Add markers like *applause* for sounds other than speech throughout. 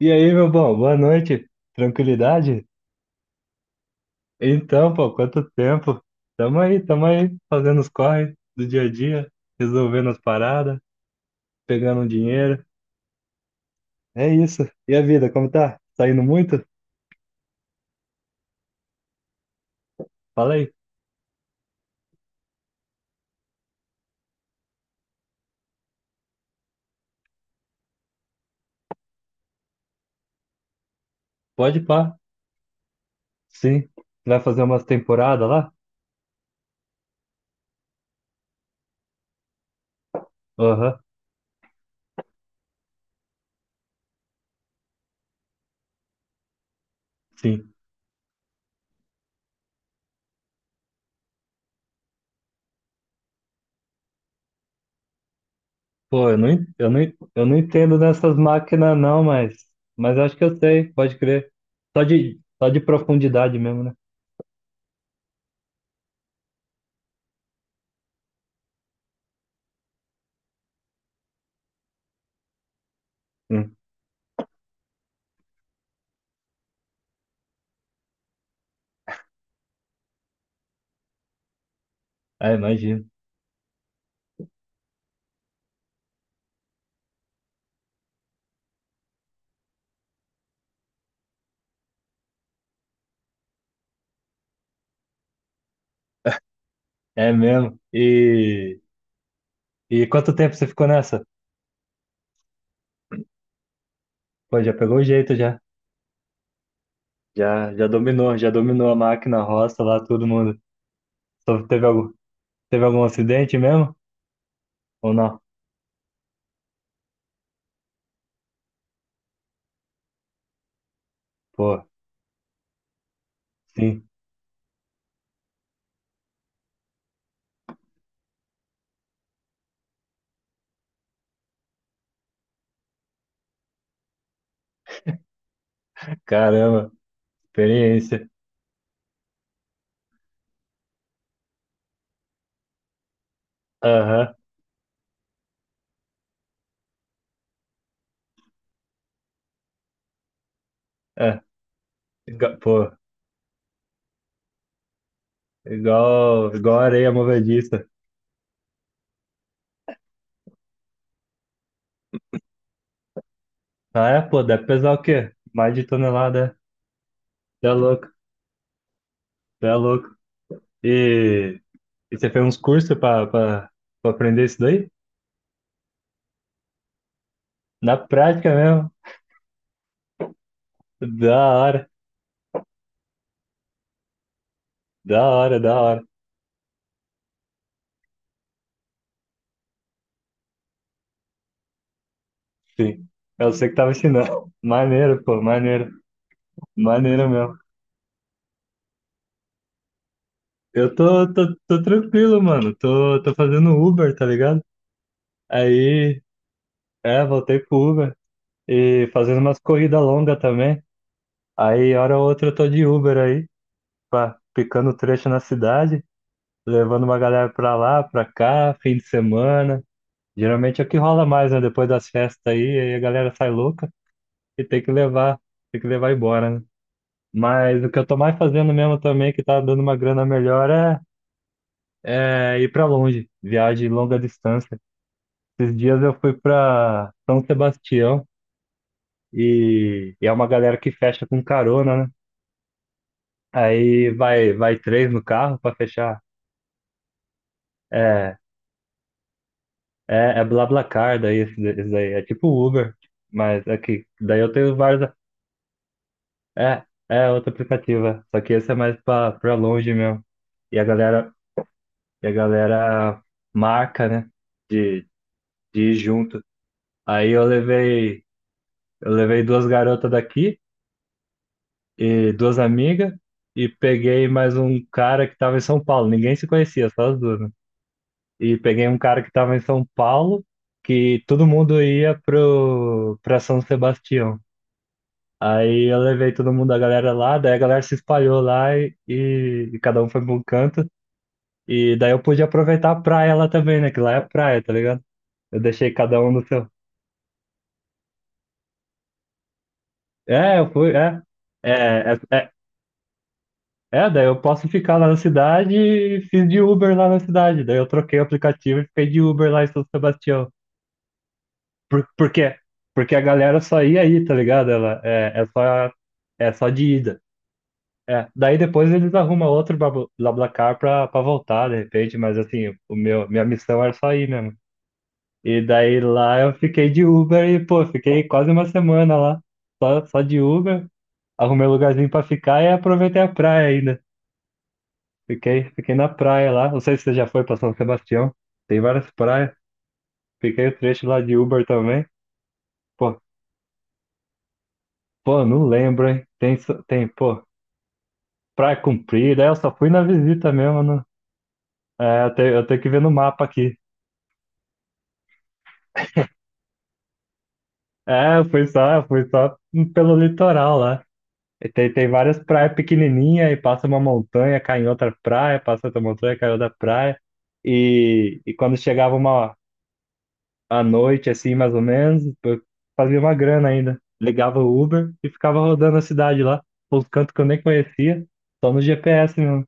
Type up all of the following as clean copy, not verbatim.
E aí, meu bom, boa noite. Tranquilidade? Então, pô, quanto tempo? Tamo aí, fazendo os corre do dia a dia, resolvendo as paradas, pegando um dinheiro. É isso. E a vida, como tá? Saindo muito? Fala aí. Pode pá. Sim. Vai fazer umas temporadas lá? Aham, sim. Pô, eu não entendo nessas máquinas não, mas acho que eu sei, pode crer. Só de profundidade mesmo, né? Hum. Ah, imagino. É mesmo. E. E quanto tempo você ficou nessa? Pô, já pegou o jeito já. Já dominou a máquina, a roça lá, todo mundo. Só teve algum acidente mesmo? Ou não? Pô, sim. Caramba, experiência. Aham, é. Pô, igual areia movediça. Ah, é, pô, deve pesar o quê? Mais de tonelada, é. Cê é louco, cê é louco. E, e você fez uns cursos pra aprender isso daí? Na prática mesmo. Da hora, da hora, da hora. Sim. É você que tava ensinando. *laughs* Maneiro, pô, maneiro. Maneiro mesmo. Eu tô tranquilo, mano. Tô fazendo Uber, tá ligado? Aí, é, voltei pro Uber. E fazendo umas corridas longas também. Aí, hora ou outra, eu tô de Uber aí, pá, picando trecho na cidade, levando uma galera pra lá, pra cá, fim de semana. Geralmente é o que rola mais, né? Depois das festas aí, aí a galera sai louca e tem que levar embora, né? Mas o que eu tô mais fazendo mesmo também, que tá dando uma grana melhor, é ir pra longe, viagem longa distância. Esses dias eu fui pra São Sebastião e é uma galera que fecha com carona, né? Aí vai três no carro pra fechar. É, é BlaBlaCar, daí esse daí. É tipo Uber, mas aqui. Daí eu tenho vários. É, é outro aplicativo. É. Só que esse é mais pra longe mesmo. E a galera, e a galera marca, né? De ir junto. Aí eu levei duas garotas daqui e duas amigas e peguei mais um cara que estava em São Paulo. Ninguém se conhecia, só as duas, né? E peguei um cara que estava em São Paulo, que todo mundo ia pro para São Sebastião. Aí eu levei todo mundo, a galera lá, daí a galera se espalhou lá e cada um foi para um canto. E daí eu pude aproveitar a praia lá também, né? Que lá é praia, tá ligado? Eu deixei cada um no seu. É, eu fui, é. É, é, é É, daí eu posso ficar lá na cidade e fiz de Uber lá na cidade. Daí eu troquei o aplicativo e fiquei de Uber lá em São Sebastião. Por quê? Porque a galera só ia aí, tá ligado? Ela é só de ida. É, daí depois eles arrumam outro BlaBlaCar pra voltar, de repente, mas assim, o meu, minha missão era só ir mesmo. E daí lá eu fiquei de Uber e, pô, fiquei quase uma semana lá, só de Uber, arrumei um lugarzinho pra ficar e aproveitei a praia ainda. Fiquei na praia lá. Não sei se você já foi para São Sebastião. Tem várias praias. Fiquei o trecho lá de Uber também. Pô, pô, não lembro, hein? Tem, pô, praia comprida. É, eu só fui na visita mesmo. Não. É, eu tenho que ver no mapa aqui. É, eu fui só pelo litoral lá. E tem várias praias pequenininhas e passa uma montanha, cai em outra praia, passa outra montanha, cai em outra praia. E quando chegava uma, à noite, assim, mais ou menos. Eu fazia uma grana ainda. Ligava o Uber e ficava rodando a cidade lá, pelos cantos que eu nem conhecia, só no GPS mesmo.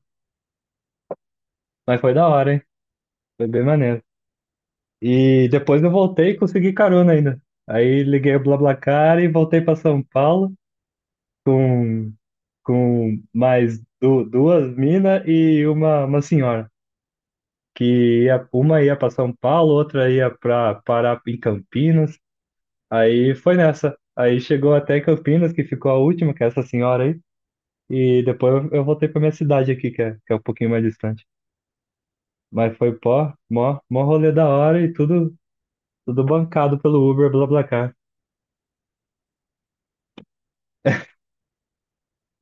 Mas foi da hora, hein? Foi bem maneiro. E depois eu voltei e consegui carona ainda. Aí liguei o BlaBlaCar e voltei para São Paulo com, com mais du duas minas e uma senhora. Uma ia para São Paulo, outra ia para parar em Campinas. Aí foi nessa. Aí chegou até Campinas, que ficou a última, que é essa senhora aí. E depois eu voltei pra minha cidade aqui, que é um pouquinho mais distante. Mas foi pó, mó, mó rolê da hora e tudo, tudo bancado pelo Uber, BlaBlaCar.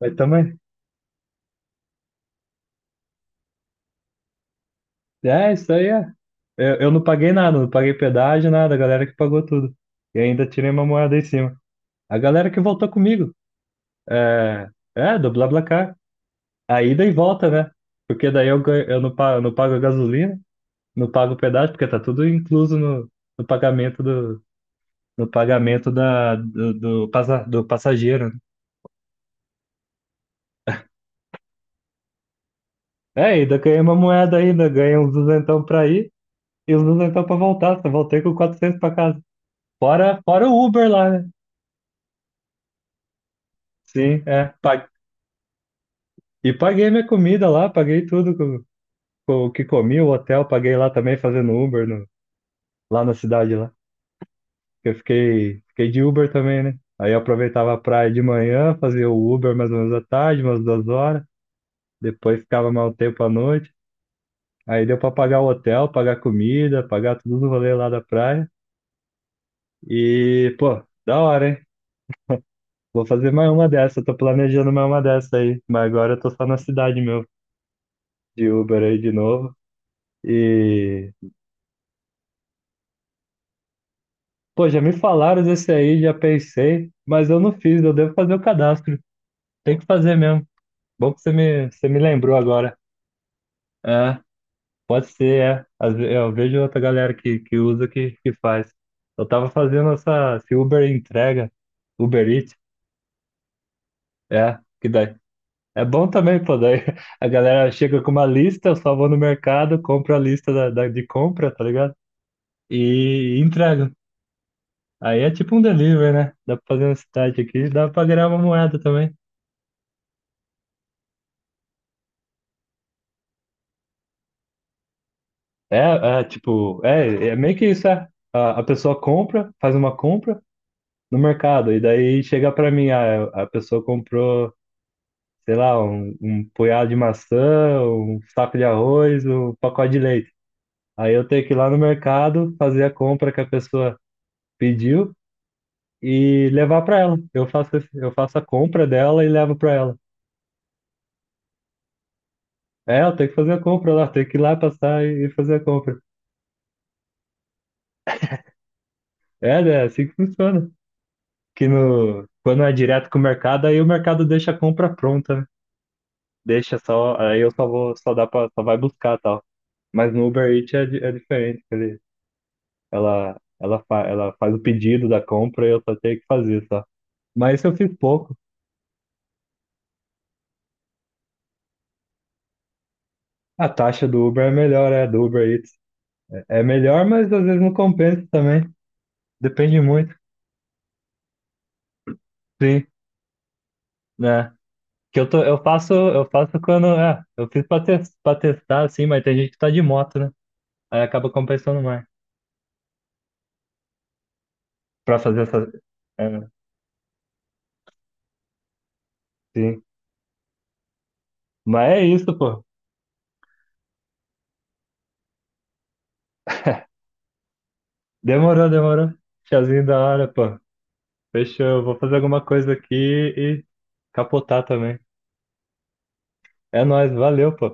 Mas também, é, isso aí é. Eu não paguei nada, não paguei pedágio, nada, a galera que pagou tudo. E ainda tirei uma moeda em cima. A galera que voltou comigo, é, é, do BlaBlaCar. A ida e volta, né? Porque daí eu não pago a gasolina. Não paga o pedágio, porque tá tudo incluso no no pagamento da, do, do, passa- do passageiro. Né? É, ainda ganhei uma moeda ainda, ganhei uns duzentão pra ir e uns duzentão pra voltar. Só voltei com 400 pra casa. Fora o Uber lá, né? Sim, é. E paguei minha comida lá, paguei tudo com o que comi, o hotel, paguei lá também fazendo Uber lá na cidade lá. Eu fiquei de Uber também, né? Aí eu aproveitava a praia de manhã, fazia o Uber mais ou menos à tarde, umas 2 horas. Depois ficava mais um tempo à noite. Aí deu pra pagar o hotel, pagar comida, pagar tudo no rolê lá da praia. E, pô, da hora, hein? Vou fazer mais uma dessa, tô planejando mais uma dessa aí. Mas agora eu tô só na cidade meu, de Uber aí de novo. E, pô, já me falaram desse aí, já pensei, mas eu não fiz, eu devo fazer o cadastro. Tem que fazer mesmo. Bom que você me lembrou agora. É. Pode ser, é. Eu vejo outra galera que usa que faz. Eu tava fazendo esse Uber entrega, Uber Eats, é, que daí. É bom também, pô, daí *laughs* a galera chega com uma lista, eu só vou no mercado, compro a lista de compra, tá ligado? E entrego. Aí é tipo um delivery, né? Dá pra fazer um site aqui, dá pra ganhar uma moeda também. É, é tipo, é, é meio que isso, é. A pessoa compra, faz uma compra no mercado, e daí chega pra mim, ah, a pessoa comprou. Sei lá, um punhado de maçã, um saco de arroz, um pacote de leite. Aí eu tenho que ir lá no mercado, fazer a compra que a pessoa pediu e levar para ela. Eu faço a compra dela e levo para ela. É, eu tenho que fazer a compra lá, tenho que ir lá passar e fazer a compra. É, né, é assim que funciona. Que no, Quando é direto com o mercado, aí o mercado deixa a compra pronta, né? Deixa só, aí eu só vou, só dá para, só vai buscar e tal. Mas no Uber Eats é diferente, ele Ela, ela, fa ela faz o pedido da compra e eu só tenho que fazer, só. Mas isso eu fiz pouco. A taxa do Uber é melhor, é, do Uber Eats. É melhor, mas às vezes não compensa também. Depende muito, sim, né? Que eu tô, eu faço quando, é, eu fiz pra testar, assim, mas tem gente que tá de moto, né? Aí acaba compensando mais pra fazer essa, é, sim. Mas é isso, pô. Demorou, demorou. Chazinho da hora, pô. Fechou. Eu vou fazer alguma coisa aqui e capotar também. É nóis, valeu, pô.